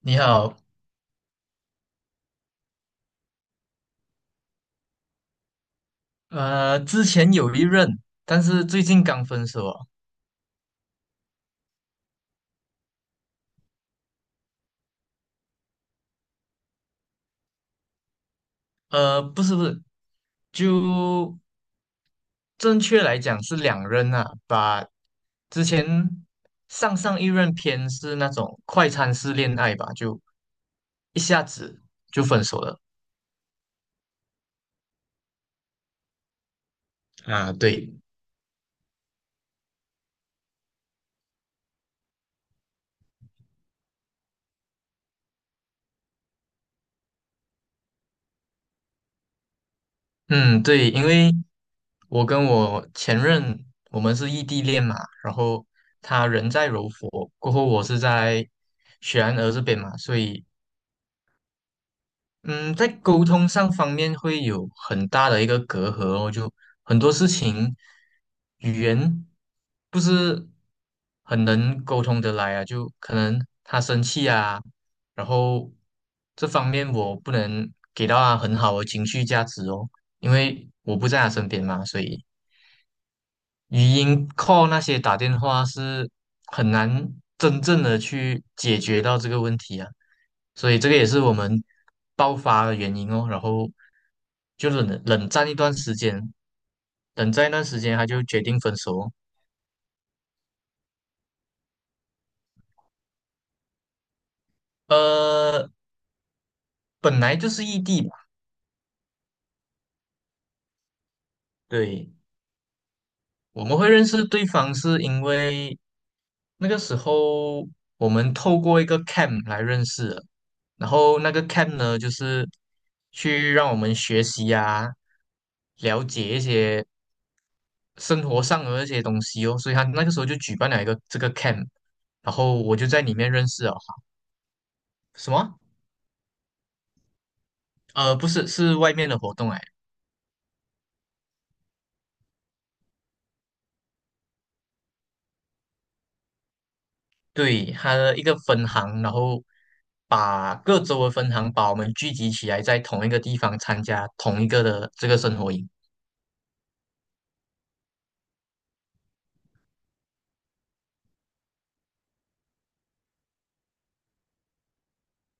你好，之前有一任，但是最近刚分手哦。不是不是，就正确来讲是两任啊。把之前上上一任偏是那种快餐式恋爱吧，就一下子就分手了啊。对，嗯，对，因为我跟我前任我们是异地恋嘛，然后他人在柔佛，过后我是在雪兰莪这边嘛，所以。嗯，在沟通上方面会有很大的一个隔阂哦，就很多事情语言不是很能沟通得来啊，就可能他生气啊，然后这方面我不能给到他很好的情绪价值哦，因为我不在他身边嘛，所以语音 call 那些打电话是很难真正的去解决到这个问题啊，所以这个也是我们爆发的原因哦。然后就冷战一段时间，冷战一段时间，他就决定分手哦。呃，本来就是异地吧，对，我们会认识对方是因为那个时候我们透过一个 camp 来认识的，然后那个 camp 呢，就是去让我们学习啊，了解一些生活上的一些东西哦。所以他那个时候就举办了一个这个 camp,然后我就在里面认识了哈。什么？不是，是外面的活动哎。对，他的一个分行，然后把各州的分行把我们聚集起来，在同一个地方参加同一个的这个生活营。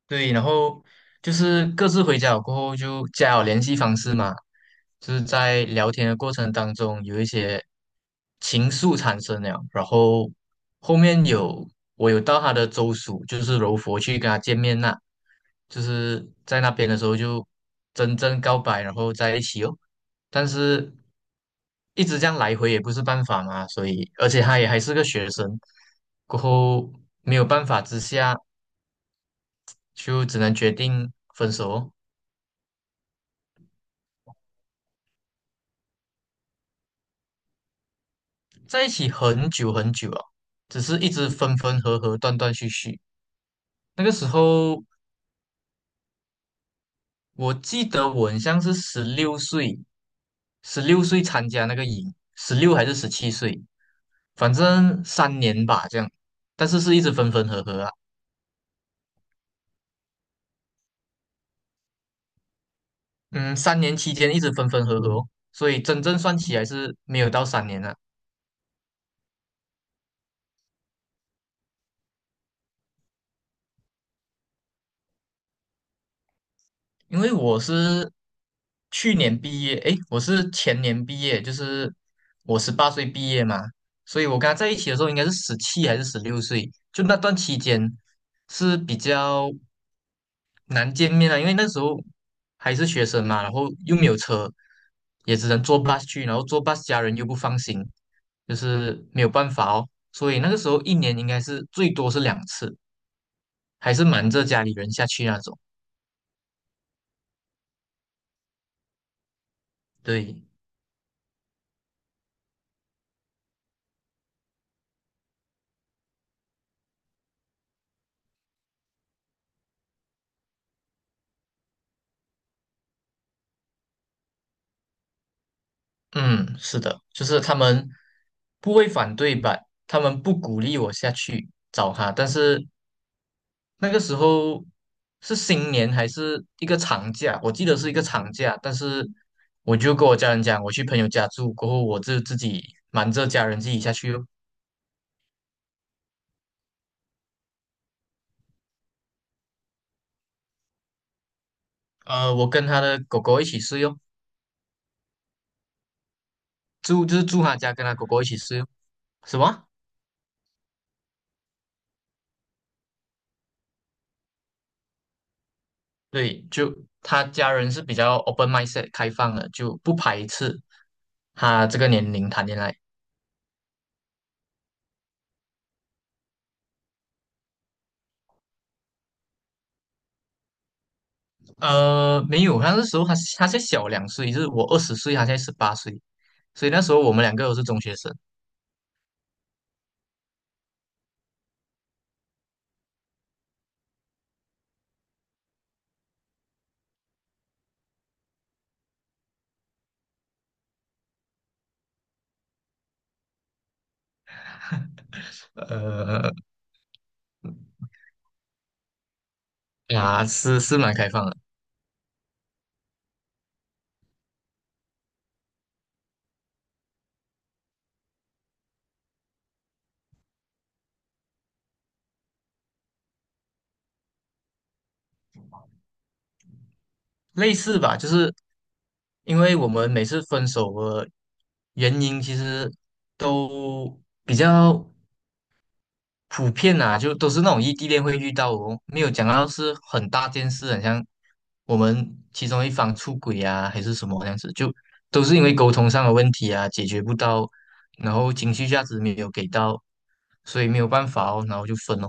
对，然后就是各自回家了过后就加了联系方式嘛，就是在聊天的过程当中有一些情愫产生了，然后后面有我有到他的州属，就是柔佛去跟他见面啦，就是在那边的时候就真正告白，然后在一起哦，但是一直这样来回也不是办法嘛，所以而且他也还是个学生，过后没有办法之下。就只能决定分手哦，在一起很久很久了，只是一直分分合合，断断续续。那个时候，我记得我很像是十六岁，十六岁参加那个营，16还是17岁，反正三年吧这样，但是是一直分分合合啊。嗯，3年期间一直分分合合哦，所以真正算起来是没有到三年啊。因为我是去年毕业，诶，我是前年毕业，就是我十八岁毕业嘛，所以我跟他在一起的时候应该是17还是16岁，就那段期间是比较难见面的，因为那时候还是学生嘛，然后又没有车，也只能坐 bus 去，然后坐 bus 家人又不放心，就是没有办法哦，所以那个时候一年应该是最多是两次，还是瞒着家里人下去那种，对。嗯，是的，就是他们不会反对吧？他们不鼓励我下去找他，但是那个时候是新年还是一个长假，我记得是一个长假，但是我就跟我家人讲，我去朋友家住，过后我就自己瞒着家人自己下去哦。我跟他的狗狗一起睡哦，住就是住他家，跟他狗狗一起睡哦。什么？对，就他家人是比较 open mindset 开放的，就不排斥他这个年龄谈恋爱。没有，他那时候他才小2岁，就是我20岁，他才十八岁，所以那时候我们两个都是中学生。呃，啊，是蛮开放的，类似吧，就是因为我们每次分手的原因其实都比较，普遍啊，就都是那种异地恋会遇到哦，没有讲到是很大件事，很像我们其中一方出轨啊，还是什么这样子，就都是因为沟通上的问题啊，解决不到，然后情绪价值没有给到，所以没有办法哦，然后就分哦。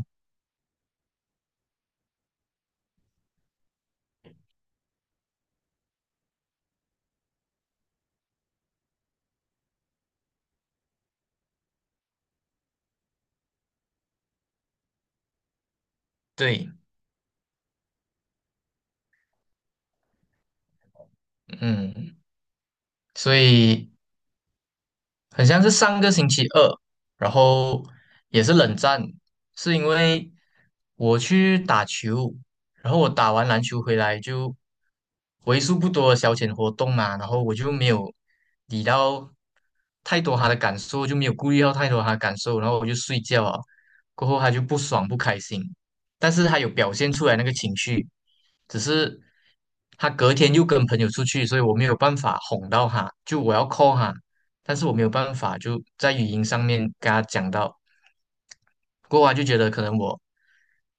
对，嗯，所以很像是上个星期二，然后也是冷战，是因为我去打球，然后我打完篮球回来就为数不多的消遣活动嘛，然后我就没有理到太多他的感受，就没有顾虑到太多他的感受，然后我就睡觉啊，过后他就不爽不开心，但是他有表现出来那个情绪，只是他隔天又跟朋友出去，所以我没有办法哄到他，就我要 call 他。但是我没有办法就在语音上面跟他讲到，过后他就觉得可能我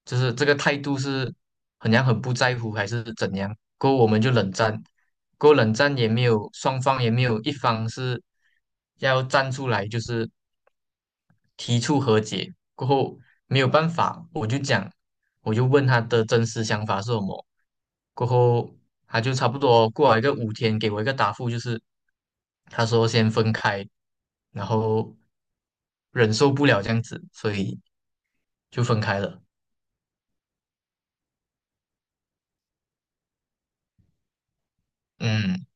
就是这个态度是很像很不在乎还是怎样，过后我们就冷战，过后冷战也没有双方也没有一方是要站出来就是提出和解过后没有办法，我就讲，我就问他的真实想法是什么。过后他就差不多过了一个5天，给我一个答复，就是他说先分开，然后忍受不了这样子，所以就分开了。嗯，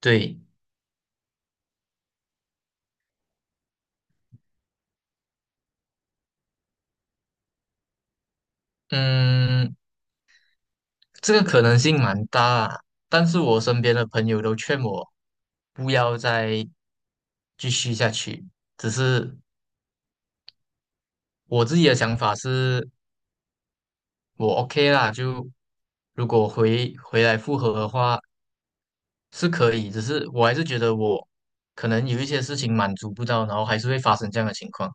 对，嗯，这个可能性蛮大啊，但是我身边的朋友都劝我不要再继续下去，只是我自己的想法是，我 OK 啦，就如果回来复合的话是可以，只是我还是觉得我可能有一些事情满足不到，然后还是会发生这样的情况。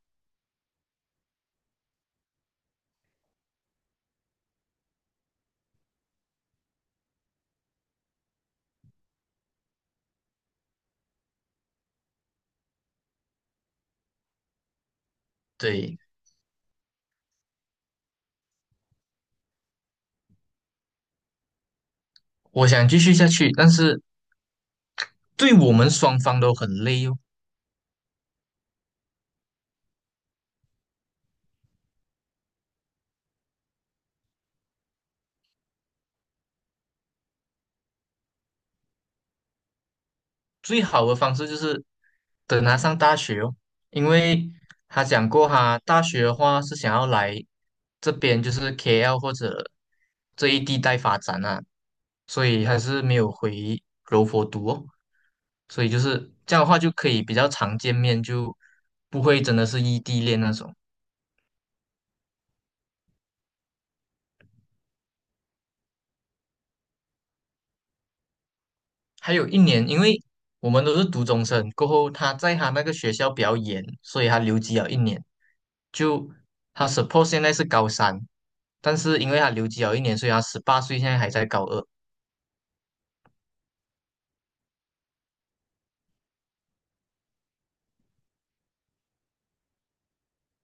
对，我想继续下去，但是对我们双方都很累哦。最好的方式就是等他上大学哦，因为他讲过哈，大学的话是想要来这边，就是 KL 或者这一地带发展啊，所以还是没有回柔佛读哦，所以就是这样的话就可以比较常见面，就不会真的是异地恋那种。还有一年，因为我们都是读中生，过后他在他那个学校比较严，所以他留级了一年。就他 suppose 现在是高三，但是因为他留级了一年，所以他十八岁现在还在高二。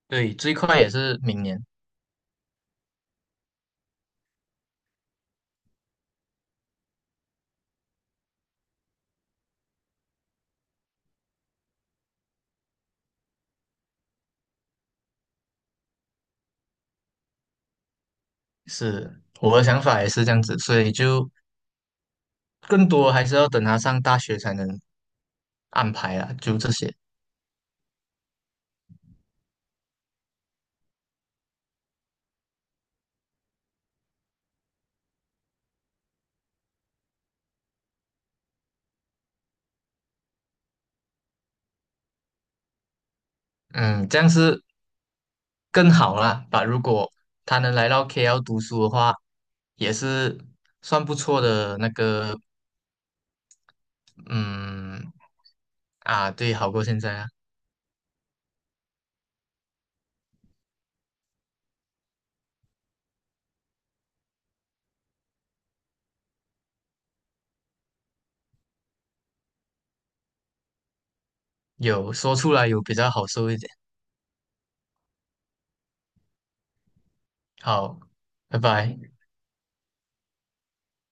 对，最快也是明年。是我的想法也是这样子，所以就更多还是要等他上大学才能安排啊，就这些。嗯，这样是更好啦。把如果他能来到 KL 读书的话，也是算不错的那个，嗯，啊，对，好过现在啊，有说出来有比较好受一点。好，拜拜。